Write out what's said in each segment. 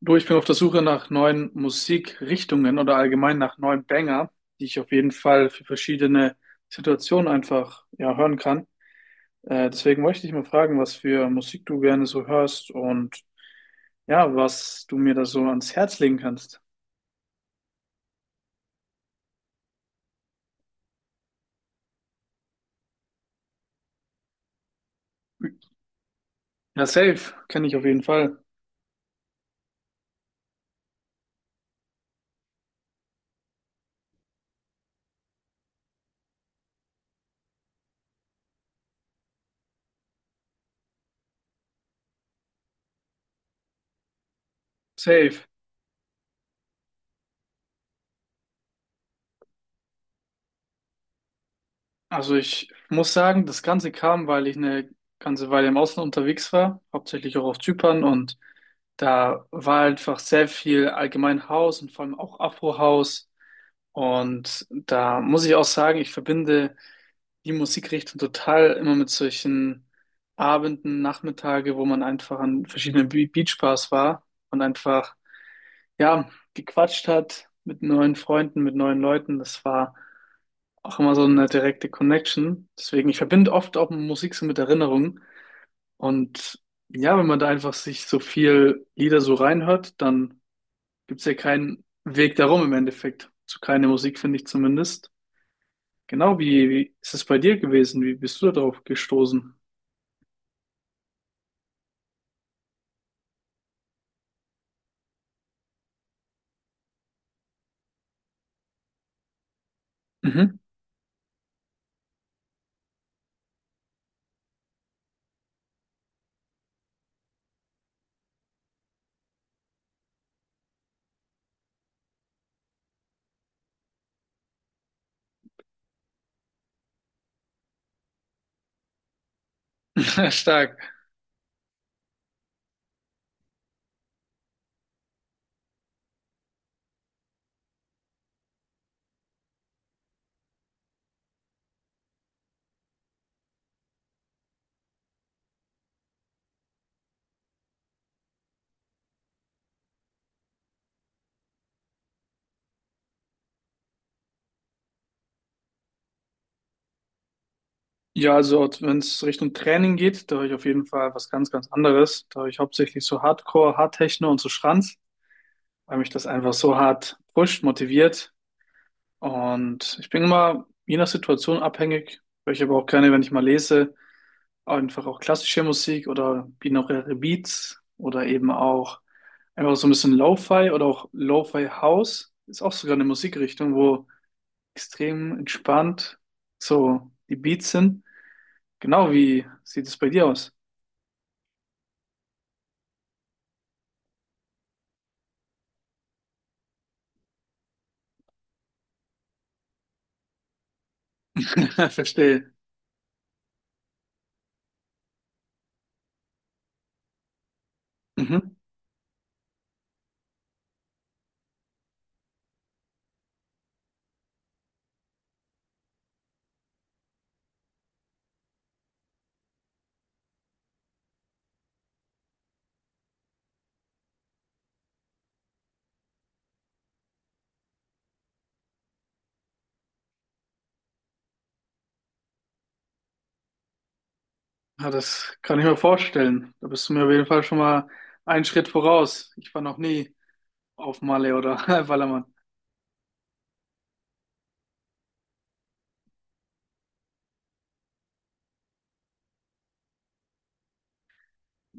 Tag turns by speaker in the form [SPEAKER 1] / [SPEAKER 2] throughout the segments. [SPEAKER 1] Du, ich bin auf der Suche nach neuen Musikrichtungen oder allgemein nach neuen Banger, die ich auf jeden Fall für verschiedene Situationen einfach ja, hören kann. Deswegen wollte ich dich mal fragen, was für Musik du gerne so hörst und ja, was du mir da so ans Herz legen kannst. Ja, safe, kenne ich auf jeden Fall. Safe. Also ich muss sagen, das Ganze kam, weil ich eine ganze Weile im Ausland unterwegs war, hauptsächlich auch auf Zypern und da war einfach sehr viel allgemein House und vor allem auch Afro House, und da muss ich auch sagen, ich verbinde die Musikrichtung total immer mit solchen Abenden, Nachmittage, wo man einfach an verschiedenen Beachbars war und einfach ja gequatscht hat mit neuen Freunden, mit neuen Leuten. Das war auch immer so eine direkte Connection. Deswegen, ich verbinde oft auch Musik so mit Erinnerungen. Und ja, wenn man da einfach sich so viel Lieder so reinhört, dann gibt's ja keinen Weg darum im Endeffekt. Zu keine Musik, finde ich zumindest. Genau, wie ist es bei dir gewesen? Wie bist du darauf gestoßen? Mhm. Stark. Ja, also wenn es Richtung Training geht, da höre ich auf jeden Fall was ganz, ganz anderes. Da höre ich hauptsächlich so Hardcore, Hardtechno und so Schranz, weil mich das einfach so hart pusht, motiviert. Und ich bin immer je nach Situation abhängig, weil ich aber auch gerne, wenn ich mal lese, einfach auch klassische Musik oder binaural Beats oder eben auch einfach so ein bisschen Lo-Fi oder auch Lo-Fi House. Ist auch sogar eine Musikrichtung, wo extrem entspannt so die Beats sind. Genau, wie sieht es bei dir aus? Verstehe. Mhm. Ja, das kann ich mir vorstellen. Da bist du mir auf jeden Fall schon mal einen Schritt voraus. Ich war noch nie auf Malle oder Ballermann.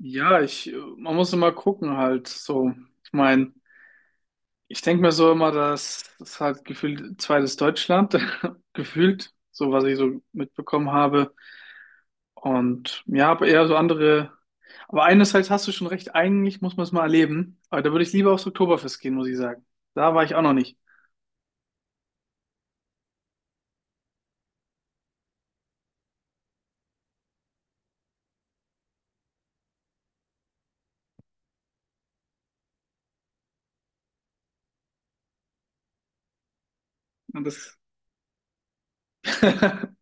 [SPEAKER 1] Ja, ich, man muss immer gucken halt so. Ich meine, ich denke mir so immer, dass das halt gefühlt zweites Deutschland, gefühlt, so was ich so mitbekommen habe. Und ja, aber eher so andere. Aber einerseits hast du schon recht, eigentlich muss man es mal erleben. Aber da würde ich lieber aufs Oktoberfest gehen, muss ich sagen. Da war ich auch noch nicht. Und das,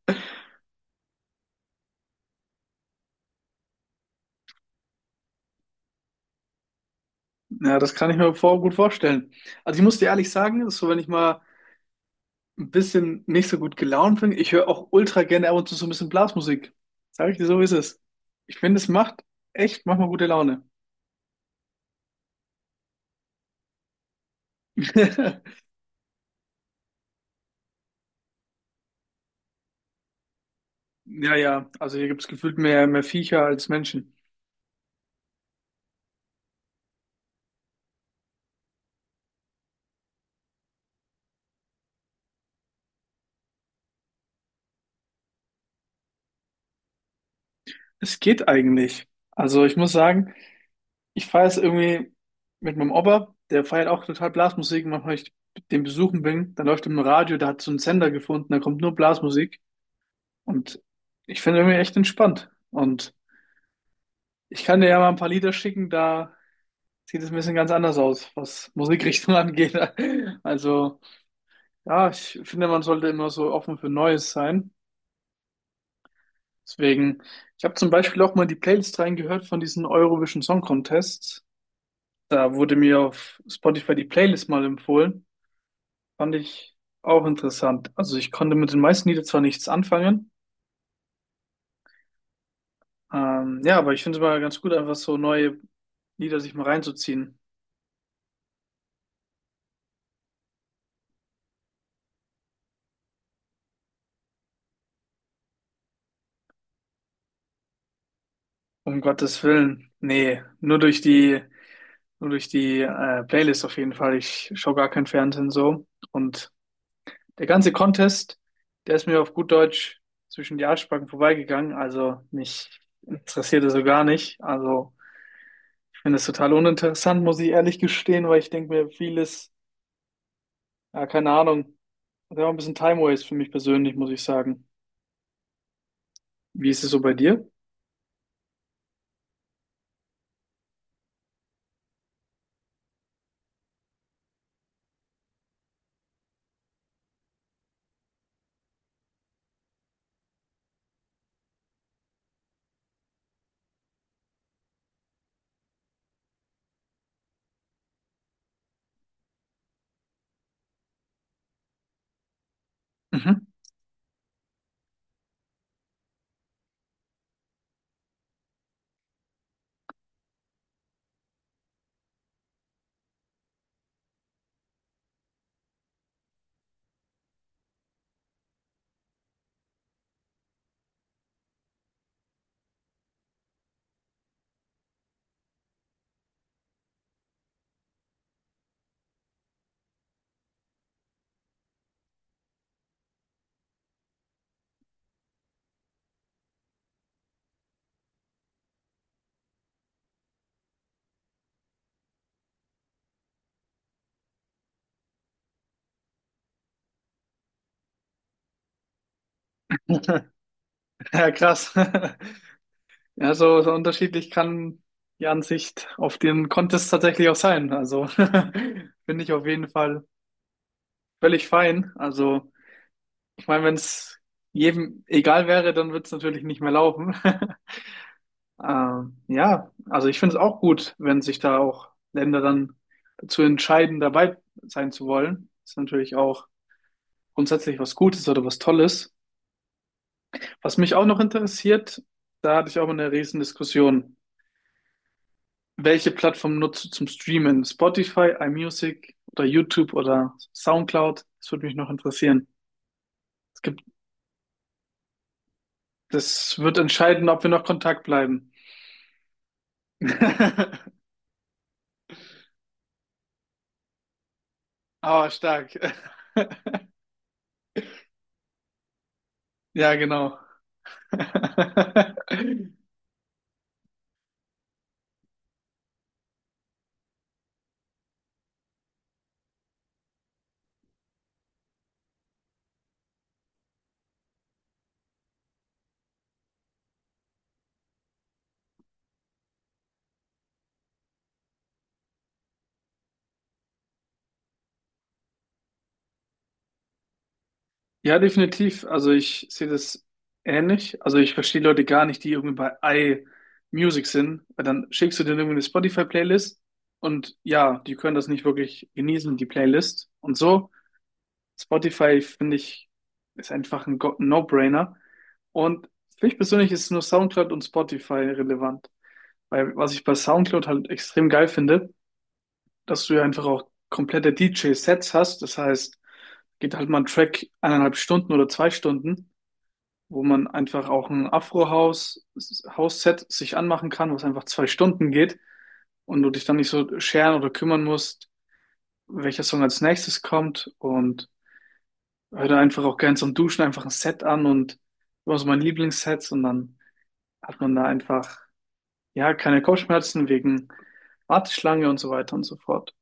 [SPEAKER 1] ja, das kann ich mir gut vorstellen. Also ich muss dir ehrlich sagen, das ist so, wenn ich mal ein bisschen nicht so gut gelaunt bin. Ich höre auch ultra gerne ab und zu so ein bisschen Blasmusik. Sag ich dir, so ist es. Ich finde, es macht echt manchmal gute Laune. Ja, ja, also hier gibt es gefühlt mehr Viecher als Menschen. Es geht eigentlich. Also ich muss sagen, ich feiere es irgendwie mit meinem Opa, der feiert auch total Blasmusik. Und manchmal, wenn ich den besuchen bin, dann läuft im Radio, der hat so einen Sender gefunden, da kommt nur Blasmusik. Und ich finde irgendwie echt entspannt. Und ich kann dir ja mal ein paar Lieder schicken, da sieht es ein bisschen ganz anders aus, was Musikrichtung angeht. Also, ja, ich finde, man sollte immer so offen für Neues sein. Deswegen, ich habe zum Beispiel auch mal in die Playlist reingehört von diesen Eurovision Song Contest. Da wurde mir auf Spotify die Playlist mal empfohlen. Fand ich auch interessant. Also ich konnte mit den meisten Liedern zwar nichts anfangen, ja, aber ich finde es mal ganz gut, einfach so neue Lieder sich mal reinzuziehen. Um Gottes Willen. Nee, nur durch die Playlist auf jeden Fall. Ich schaue gar kein Fernsehen so. Und der ganze Contest, der ist mir auf gut Deutsch zwischen die Arschbacken vorbeigegangen. Also mich interessiert das so gar nicht. Also ich finde es total uninteressant, muss ich ehrlich gestehen, weil ich denke mir vieles, ja, keine Ahnung, das war ein bisschen Time Waste für mich persönlich, muss ich sagen. Wie ist es so bei dir? Mhm. Ja, krass. Ja, so unterschiedlich kann die Ansicht auf den Contest tatsächlich auch sein. Also finde ich auf jeden Fall völlig fein. Also ich meine, wenn es jedem egal wäre, dann wird es natürlich nicht mehr laufen. Ja, also ich finde es auch gut, wenn sich da auch Länder dann dazu entscheiden, dabei sein zu wollen. Ist natürlich auch grundsätzlich was Gutes oder was Tolles. Was mich auch noch interessiert, da hatte ich auch mal eine riesen Diskussion. Welche Plattform nutzt du zum Streamen? Spotify, iMusic oder YouTube oder SoundCloud? Das würde mich noch interessieren. Es gibt, das wird entscheiden, ob wir noch Kontakt bleiben. Aber stark. Ja, genau. Ja, definitiv. Also ich sehe das ähnlich. Also ich verstehe Leute gar nicht, die irgendwie bei iMusic sind, weil dann schickst du denen irgendwie eine Spotify-Playlist, und ja, die können das nicht wirklich genießen, die Playlist und so. Spotify, finde ich, ist einfach ein No-Brainer. Und für mich persönlich ist nur SoundCloud und Spotify relevant. Weil was ich bei SoundCloud halt extrem geil finde, dass du ja einfach auch komplette DJ-Sets hast. Das heißt, geht halt mal ein Track 1,5 Stunden oder 2 Stunden, wo man einfach auch ein Afro-House-House-Set sich anmachen kann, was einfach 2 Stunden geht und du dich dann nicht so scheren oder kümmern musst, welcher Song als nächstes kommt. Und hör da einfach auch gern zum Duschen einfach ein Set an und was mein Lieblingssets und dann hat man da einfach, ja, keine Kopfschmerzen wegen Warteschlange und so weiter und so fort.